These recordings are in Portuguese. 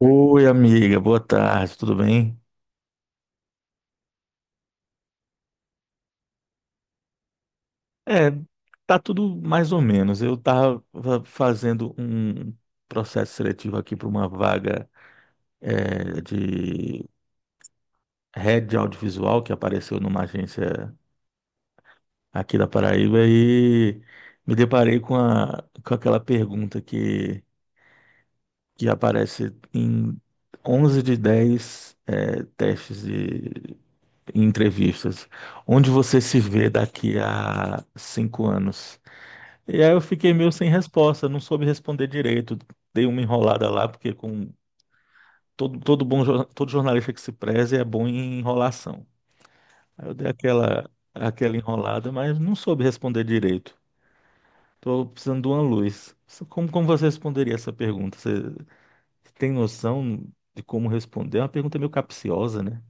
Oi, amiga, boa tarde, tudo bem? É, tá tudo mais ou menos. Eu tava fazendo um processo seletivo aqui para uma vaga de head de audiovisual que apareceu numa agência aqui da Paraíba e me deparei com aquela pergunta que aparece em 11 de 10 testes de entrevistas. Onde você se vê daqui a 5 anos? E aí eu fiquei meio sem resposta, não soube responder direito. Dei uma enrolada lá, porque com todo jornalista que se preze é bom em enrolação. Aí eu dei aquela enrolada, mas não soube responder direito. Tô precisando de uma luz. Como você responderia essa pergunta? Você tem noção de como responder? É uma pergunta meio capciosa, né?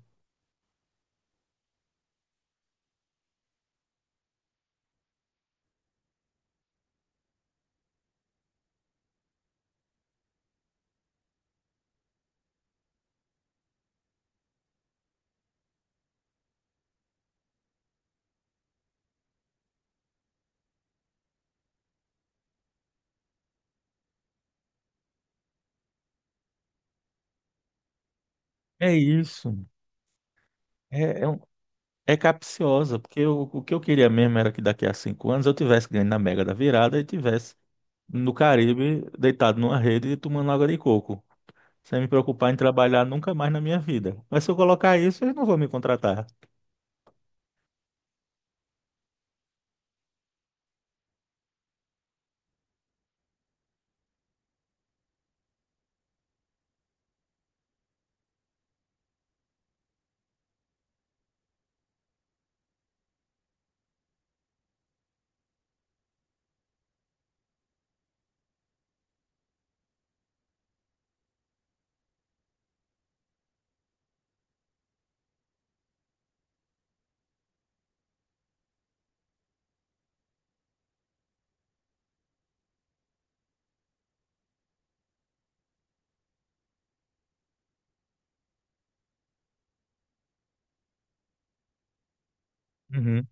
É isso. É, é, um- é capciosa, porque o que eu queria mesmo era que daqui a 5 anos eu tivesse ganho na Mega da Virada e tivesse no Caribe, deitado numa rede e tomando água de coco, sem me preocupar em trabalhar nunca mais na minha vida. Mas se eu colocar isso, eles não vão me contratar. Uhum.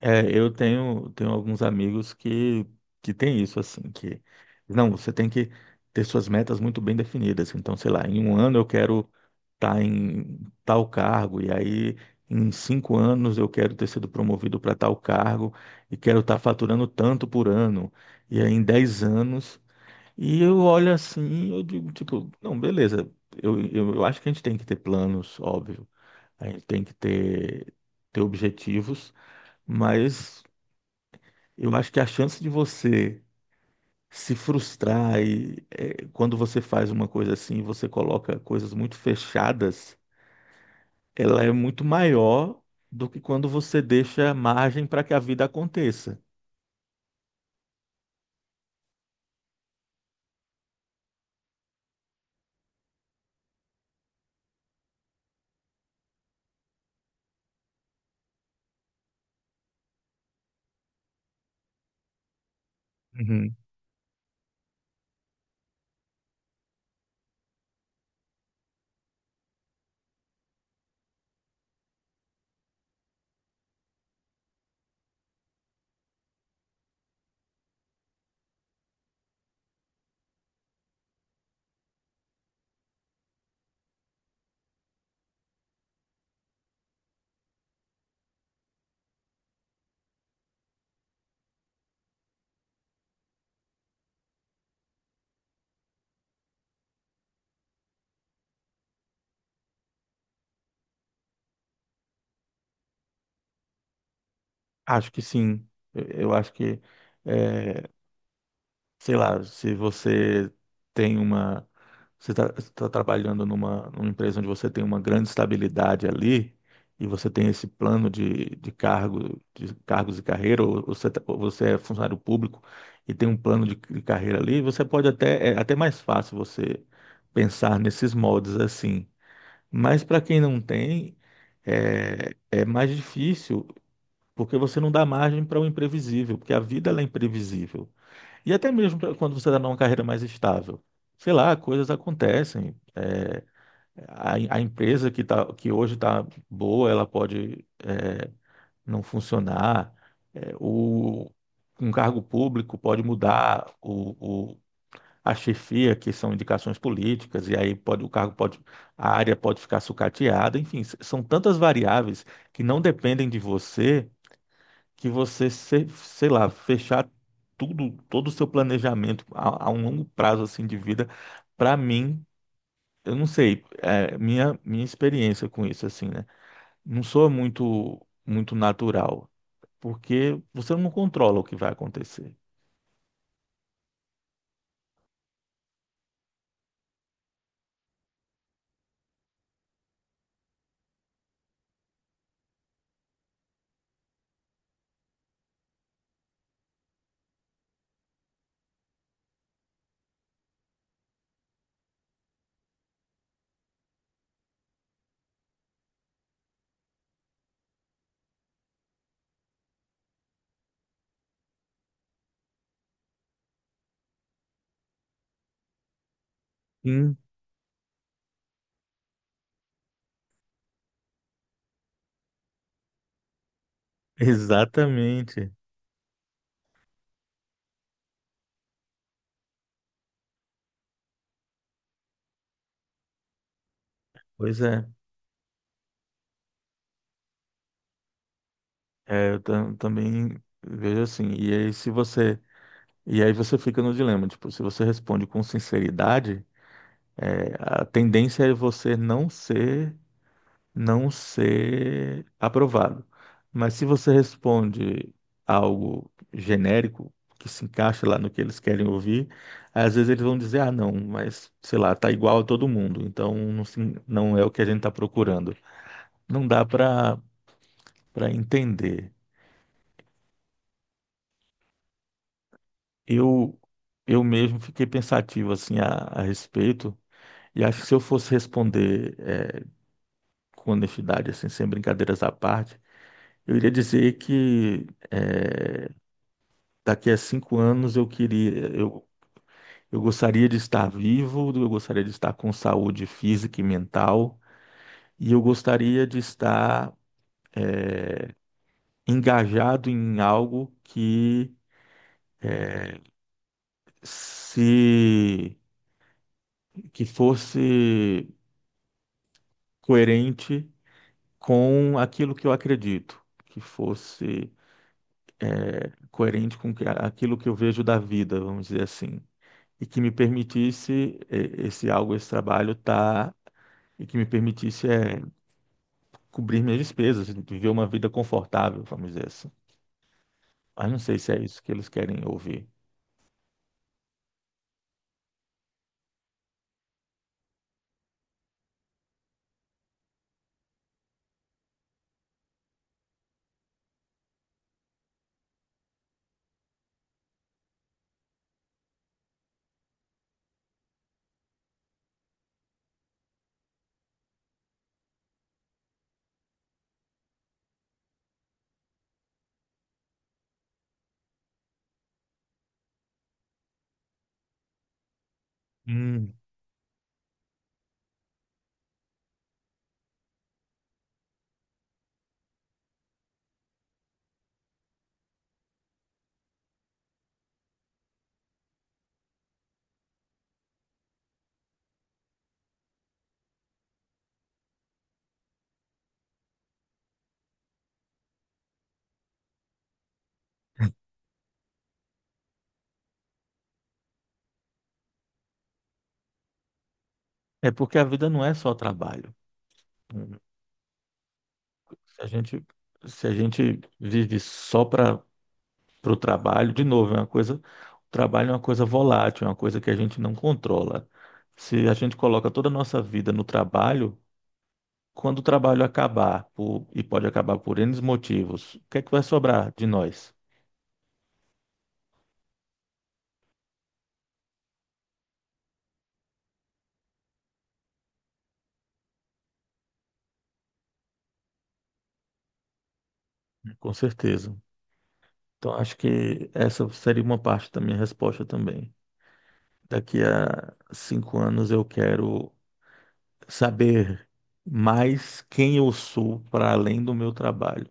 É, eu tenho alguns amigos que têm isso, assim, que não, você tem que ter suas metas muito bem definidas. Então, sei lá, em um ano eu quero estar em tal cargo, e aí em 5 anos eu quero ter sido promovido para tal cargo, e quero estar faturando tanto por ano, e aí em 10 anos. E eu olho assim, eu digo, tipo, não, beleza. Eu acho que a gente tem que ter planos, óbvio. A gente tem que ter objetivos, mas eu acho que a chance de você se frustrar e, quando você faz uma coisa assim, você coloca coisas muito fechadas, ela é muito maior do que quando você deixa margem para que a vida aconteça. Uhum. Acho que sim. Eu acho que é, sei lá, se você tem uma, você está trabalhando numa empresa onde você tem uma grande estabilidade ali e você tem esse plano de cargos e carreira, ou você é funcionário público e tem um plano de carreira ali, você pode até, é até mais fácil você pensar nesses moldes assim. Mas para quem não tem, é mais difícil, porque você não dá margem para o imprevisível, porque a vida ela é imprevisível. E até mesmo quando você está numa carreira mais estável. Sei lá, coisas acontecem. É, a empresa que hoje está boa, ela pode não funcionar. É, o, Um cargo público pode mudar a chefia, que são indicações políticas, e aí pode, o cargo pode, a área pode ficar sucateada. Enfim, são tantas variáveis que não dependem de você que você, sei lá, fechar tudo, todo o seu planejamento a um longo prazo assim de vida, para mim, eu não sei, é, minha experiência com isso assim, né? Não sou muito muito natural, porque você não controla o que vai acontecer. Sim, exatamente. Pois é. É, eu também vejo assim. E aí você fica no dilema, tipo, se você responde com sinceridade, a tendência é você não ser aprovado. Mas se você responde algo genérico, que se encaixa lá no que eles querem ouvir, às vezes eles vão dizer, ah, não, mas sei lá, tá igual a todo mundo, então não, não é o que a gente está procurando. Não dá para entender. Eu eu mesmo fiquei pensativo assim a respeito e acho que se eu fosse responder com honestidade, assim, sem brincadeiras à parte, eu iria dizer que daqui a 5 anos eu queria, eu gostaria de estar vivo, eu gostaria de estar com saúde física e mental, e eu gostaria de estar engajado em algo que se que fosse coerente com aquilo que eu acredito, que fosse coerente com aquilo que eu vejo da vida, vamos dizer assim. E que me permitisse esse algo, esse trabalho, tá, e que me permitisse cobrir minhas despesas, viver uma vida confortável, vamos dizer assim. Mas não sei se é isso que eles querem ouvir. Hum. É porque a vida não é só trabalho. Hum. Se a gente, se a gente vive só para o trabalho, de novo, é uma coisa, o trabalho é uma coisa volátil, é uma coisa que a gente não controla. Se a gente coloca toda a nossa vida no trabalho, quando o trabalho acabar, e pode acabar por N motivos, o que é que vai sobrar de nós? Com certeza. Então, acho que essa seria uma parte da minha resposta também. Daqui a cinco anos eu quero saber mais quem eu sou para além do meu trabalho.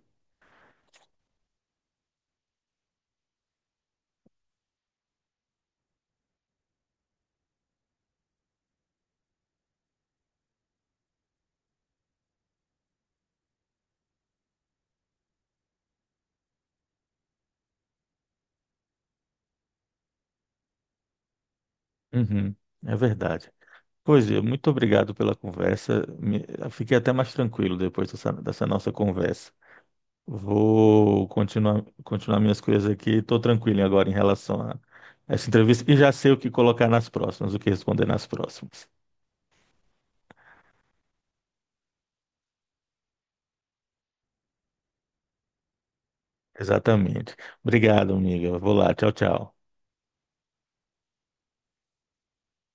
Uhum, é verdade. Pois é, muito obrigado pela conversa. Eu fiquei até mais tranquilo depois dessa nossa conversa. Vou continuar minhas coisas aqui. Estou tranquilo agora em relação a essa entrevista e já sei o que colocar nas próximas, o que responder nas próximas. Exatamente. Obrigado, amiga. Vou lá. Tchau, tchau.